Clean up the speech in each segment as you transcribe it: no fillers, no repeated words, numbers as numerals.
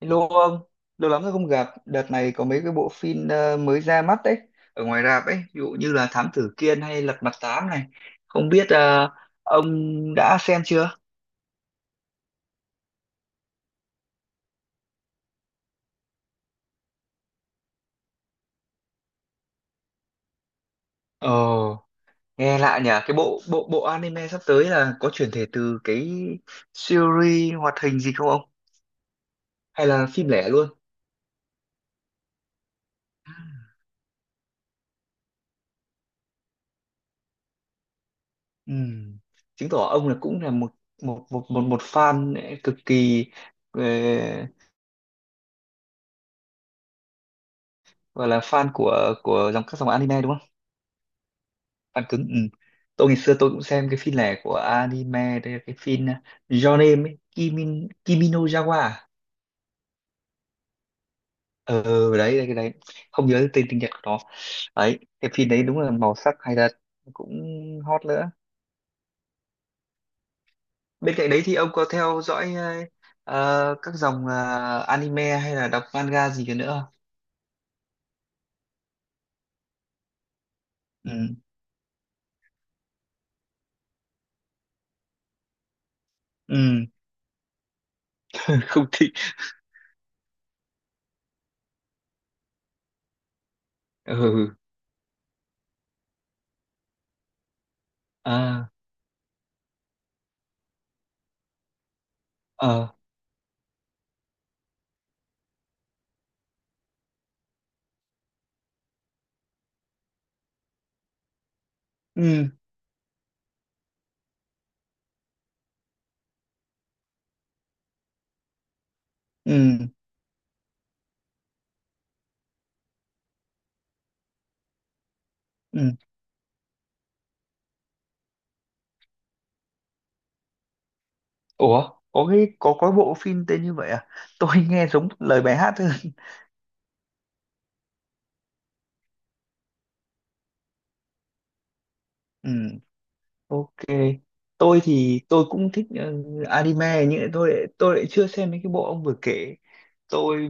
Hello ông, lâu lắm rồi không gặp. Đợt này có mấy cái bộ phim mới ra mắt đấy, ở ngoài rạp ấy, ví dụ như là Thám Tử Kiên hay Lật Mặt Tám này. Không biết ông đã xem chưa? Ồ, nghe lạ nhỉ. Cái bộ bộ bộ anime sắp tới là có chuyển thể từ cái series hoạt hình gì không ông? Hay là phim lẻ luôn? Ừm. Chứng tỏ ông là cũng là một một một một, một fan cực kỳ ờ, gọi là fan của các dòng anime đúng không? Fan cứng, ừ. Tôi ngày xưa tôi cũng xem cái phim này của anime, đây là cái phim Your Name ấy, Kimi no Yawa à? ờ đấy, cái đấy không nhớ tên tiếng Nhật của nó, đấy cái phim đấy đúng là màu sắc hay thật, cũng hot nữa. Bên cạnh đấy thì ông có theo dõi các dòng anime hay là đọc manga gì cả nữa không? Ừ, ừ. Không thích. Ừ, ừ. À. Ờ. ừ, ừ, ừ. Ủa, có cái có bộ phim tên như vậy à? Tôi nghe giống lời bài hát thôi. Ừ, ok. Tôi thì tôi cũng thích anime, nhưng lại tôi lại chưa xem mấy cái bộ ông vừa kể. Tôi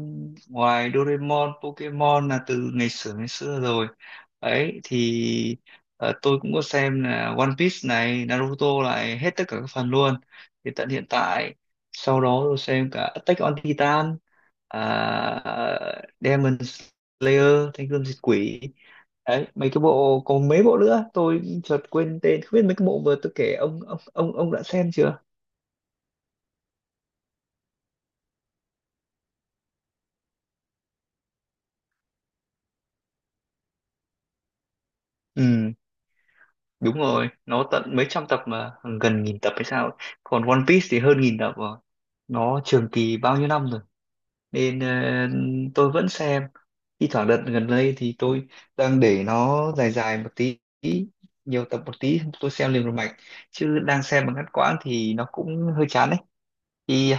ngoài Doraemon, Pokemon là từ ngày xưa rồi. Ấy thì tôi cũng có xem là One Piece này, Naruto này, hết tất cả các phần luôn. Thì tận hiện tại sau đó tôi xem cả Attack on Titan, à, Demon Slayer Thanh Gươm Diệt Quỷ, đấy mấy cái bộ, còn mấy bộ nữa tôi chợt quên tên. Không biết mấy cái bộ vừa tôi kể ông đã xem chưa? Ừ, đúng rồi, nó tận mấy trăm tập mà, gần nghìn tập hay sao ấy. Còn One Piece thì hơn nghìn tập rồi, nó trường kỳ bao nhiêu năm rồi, nên tôi vẫn xem thi thoảng. Đợt gần đây thì tôi đang để nó dài dài một tí, nhiều tập một tí tôi xem liền một mạch, chứ đang xem mà ngắt quãng thì nó cũng hơi chán. Thì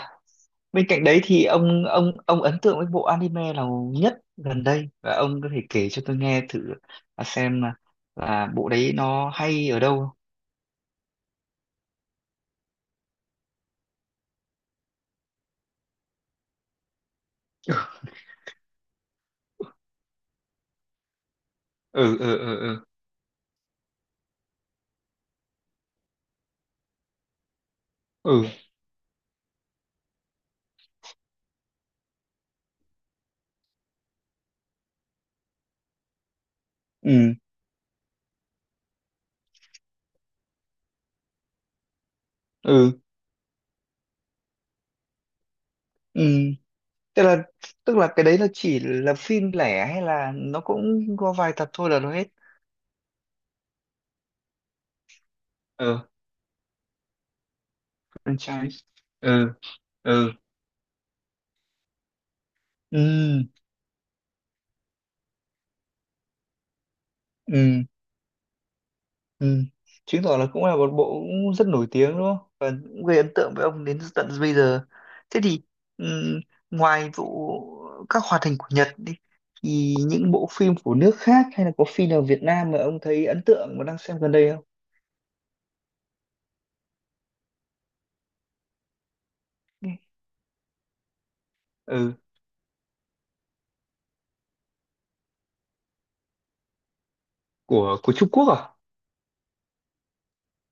bên cạnh đấy thì ông ấn tượng với bộ anime nào nhất gần đây, và ông có thể kể cho tôi nghe thử là xem là, là bộ đấy nó hay ở đâu không? Ừ, ừ, ừ, ừ, ừ, ừ, ừ, ừ. Tức là tức là cái đấy nó chỉ là phim lẻ hay là nó cũng có vài tập thôi là nó hết? Ừ. Franchise. Ừ, ừ, ừ, ừ. Ừ. Chứng tỏ là cũng là một bộ cũng rất nổi tiếng đúng không? Và cũng gây ấn tượng với ông đến tận bây giờ. Thế thì ừm, ngoài vụ các hoạt hình của Nhật đi, thì những bộ phim của nước khác hay là có phim nào Việt Nam mà ông thấy ấn tượng và đang xem gần đây không? Ừ, của Trung Quốc à?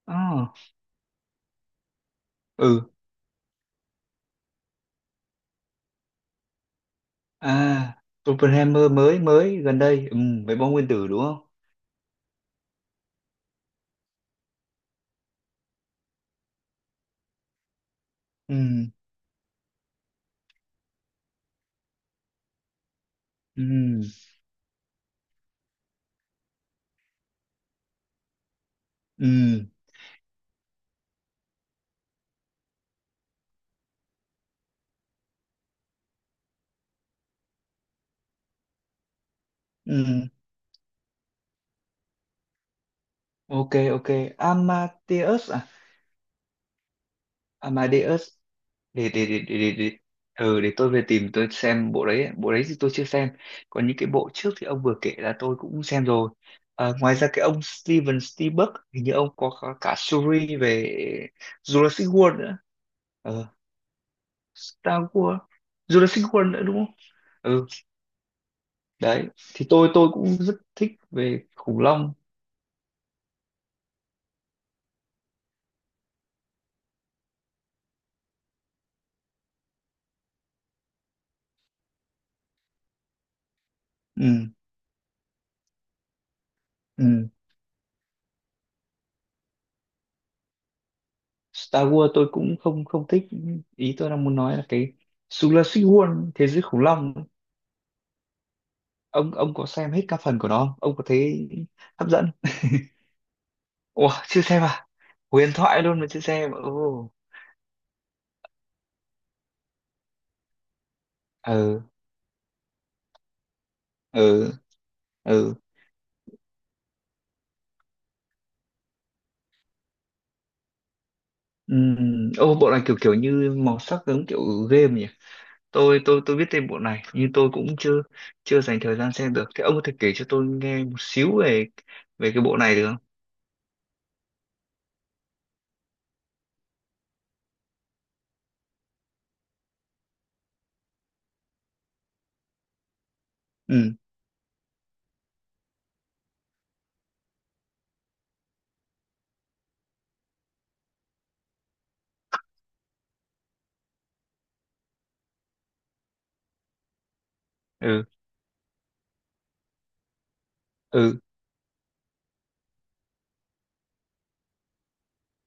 À, ừ. À, Oppenheimer mới mới gần đây, ừ, với bom nguyên tử đúng không? Ừ, ừ, ừ, ừ. Ok, ok, Amadeus à? Amadeus, để. Ừ, để tôi về tìm tôi xem bộ đấy. Bộ đấy thì tôi chưa xem, còn những cái bộ trước thì ông vừa kể là tôi cũng xem rồi. À, ngoài ra cái ông Steven Spielberg hình như ông có cả series về Jurassic World nữa. Ờ, Star Wars. Jurassic World nữa đúng không? Ừ, đấy thì tôi cũng rất thích về khủng long. Ừ, ừ. Star Wars tôi cũng không không thích. Ý tôi đang muốn nói là cái Jurassic World, thế giới khủng long, ông có xem hết các phần của nó không, ông có thấy hấp dẫn? Ủa, chưa xem à? Huyền thoại luôn mà chưa xem. Ồ. Ừ, ừ, ừ. Ô bộ này kiểu kiểu như màu sắc giống kiểu game nhỉ. Tôi biết tên bộ này nhưng tôi cũng chưa chưa dành thời gian xem được. Thế ông có thể kể cho tôi nghe một xíu về về cái bộ này được không? Ừ, ừ, ừ,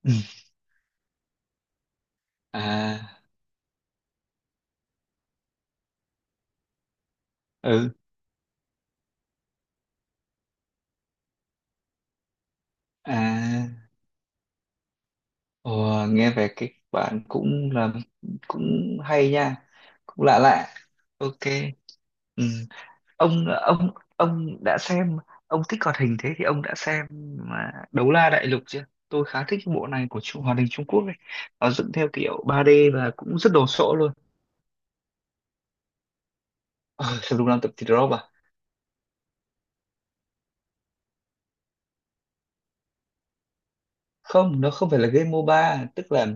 ừ. À. Ừ. À. Ồ, nghe về cái bạn cũng là cũng hay nha, cũng lạ lạ. Ok. Ừ. ông ông ông đã xem, ông thích hoạt hình, thế thì ông đã xem mà Đấu La Đại Lục chưa? Tôi khá thích cái bộ này của hoạt hình Trung Quốc ấy, nó dựng theo kiểu ba d và cũng rất đồ sộ luôn. Ờ, sao đúng năm tập thì drop à? Không, nó không phải là game MOBA. Tức là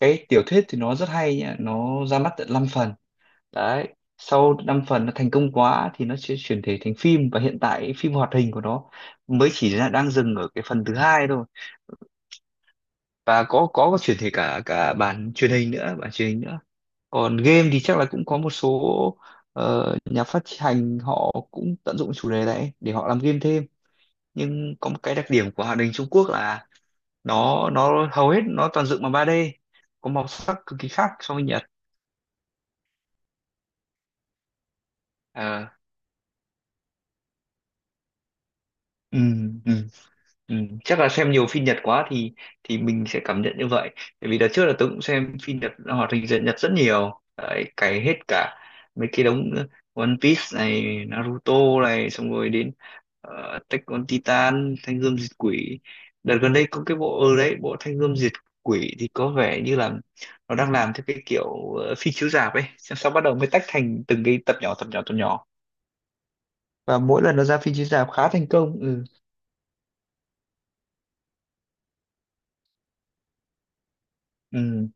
cái tiểu thuyết thì nó rất hay nhá, nó ra mắt tận 5 phần. Đấy, sau 5 phần nó thành công quá thì nó sẽ chuyển thể thành phim, và hiện tại phim hoạt hình của nó mới chỉ là đang dừng ở cái phần thứ hai thôi. Và có chuyển thể cả cả bản truyền hình nữa, bản truyền hình nữa. Còn game thì chắc là cũng có một số nhà phát hành họ cũng tận dụng chủ đề này để họ làm game thêm. Nhưng có một cái đặc điểm của hoạt hình Trung Quốc là nó hầu hết nó toàn dựng bằng ba d, có màu sắc cực kỳ khác so với Nhật. Ờ, ừ, ừ. Ừ, chắc là xem nhiều phim Nhật quá thì mình sẽ cảm nhận như vậy. Bởi vì đợt trước là tôi cũng xem phim Nhật, hoạt hình Nhật Nhật rất nhiều. Đấy, cày hết cả mấy cái đống One Piece này, Naruto này, xong rồi đến Attack on Titan, Thanh Gươm Diệt Quỷ. Đợt gần đây có cái bộ ở đấy, bộ Thanh Gươm Diệt Quỷ thì có vẻ như là nó đang làm theo cái kiểu phim chiếu rạp ấy. Xong sau bắt đầu mới tách thành từng cái tập nhỏ, tập nhỏ, tập nhỏ. Và mỗi lần nó ra phim chiếu rạp khá thành công. Ừ. Ừ.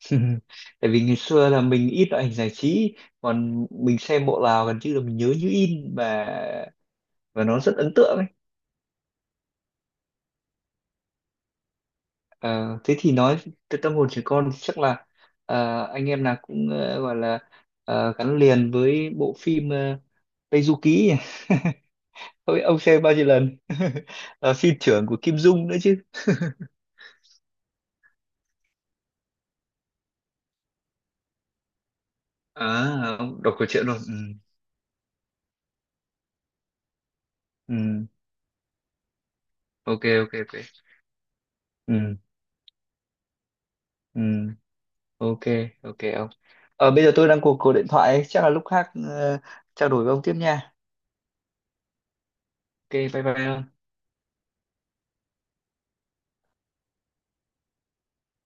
Tại vì ngày xưa là mình ít loại hình giải trí, còn mình xem bộ nào gần như là mình nhớ như in, và nó rất ấn tượng ấy. Ờ, thế thì nói từ tâm hồn trẻ con thì chắc là anh em nào cũng gọi là gắn liền với bộ phim Tây Du Ký nhỉ? Không biết ông xem bao nhiêu lần là phim trưởng của Kim Dung nữa chứ. À, ông đọc câu chuyện luôn, ừ. Ừ. Ok, ok, ok. Ừ. Ừ. Ok, ok ông, bây giờ tôi đang cuộc cuộc điện thoại ấy. Chắc là lúc khác trao đổi với ông tiếp nha. Ok bye bye ông.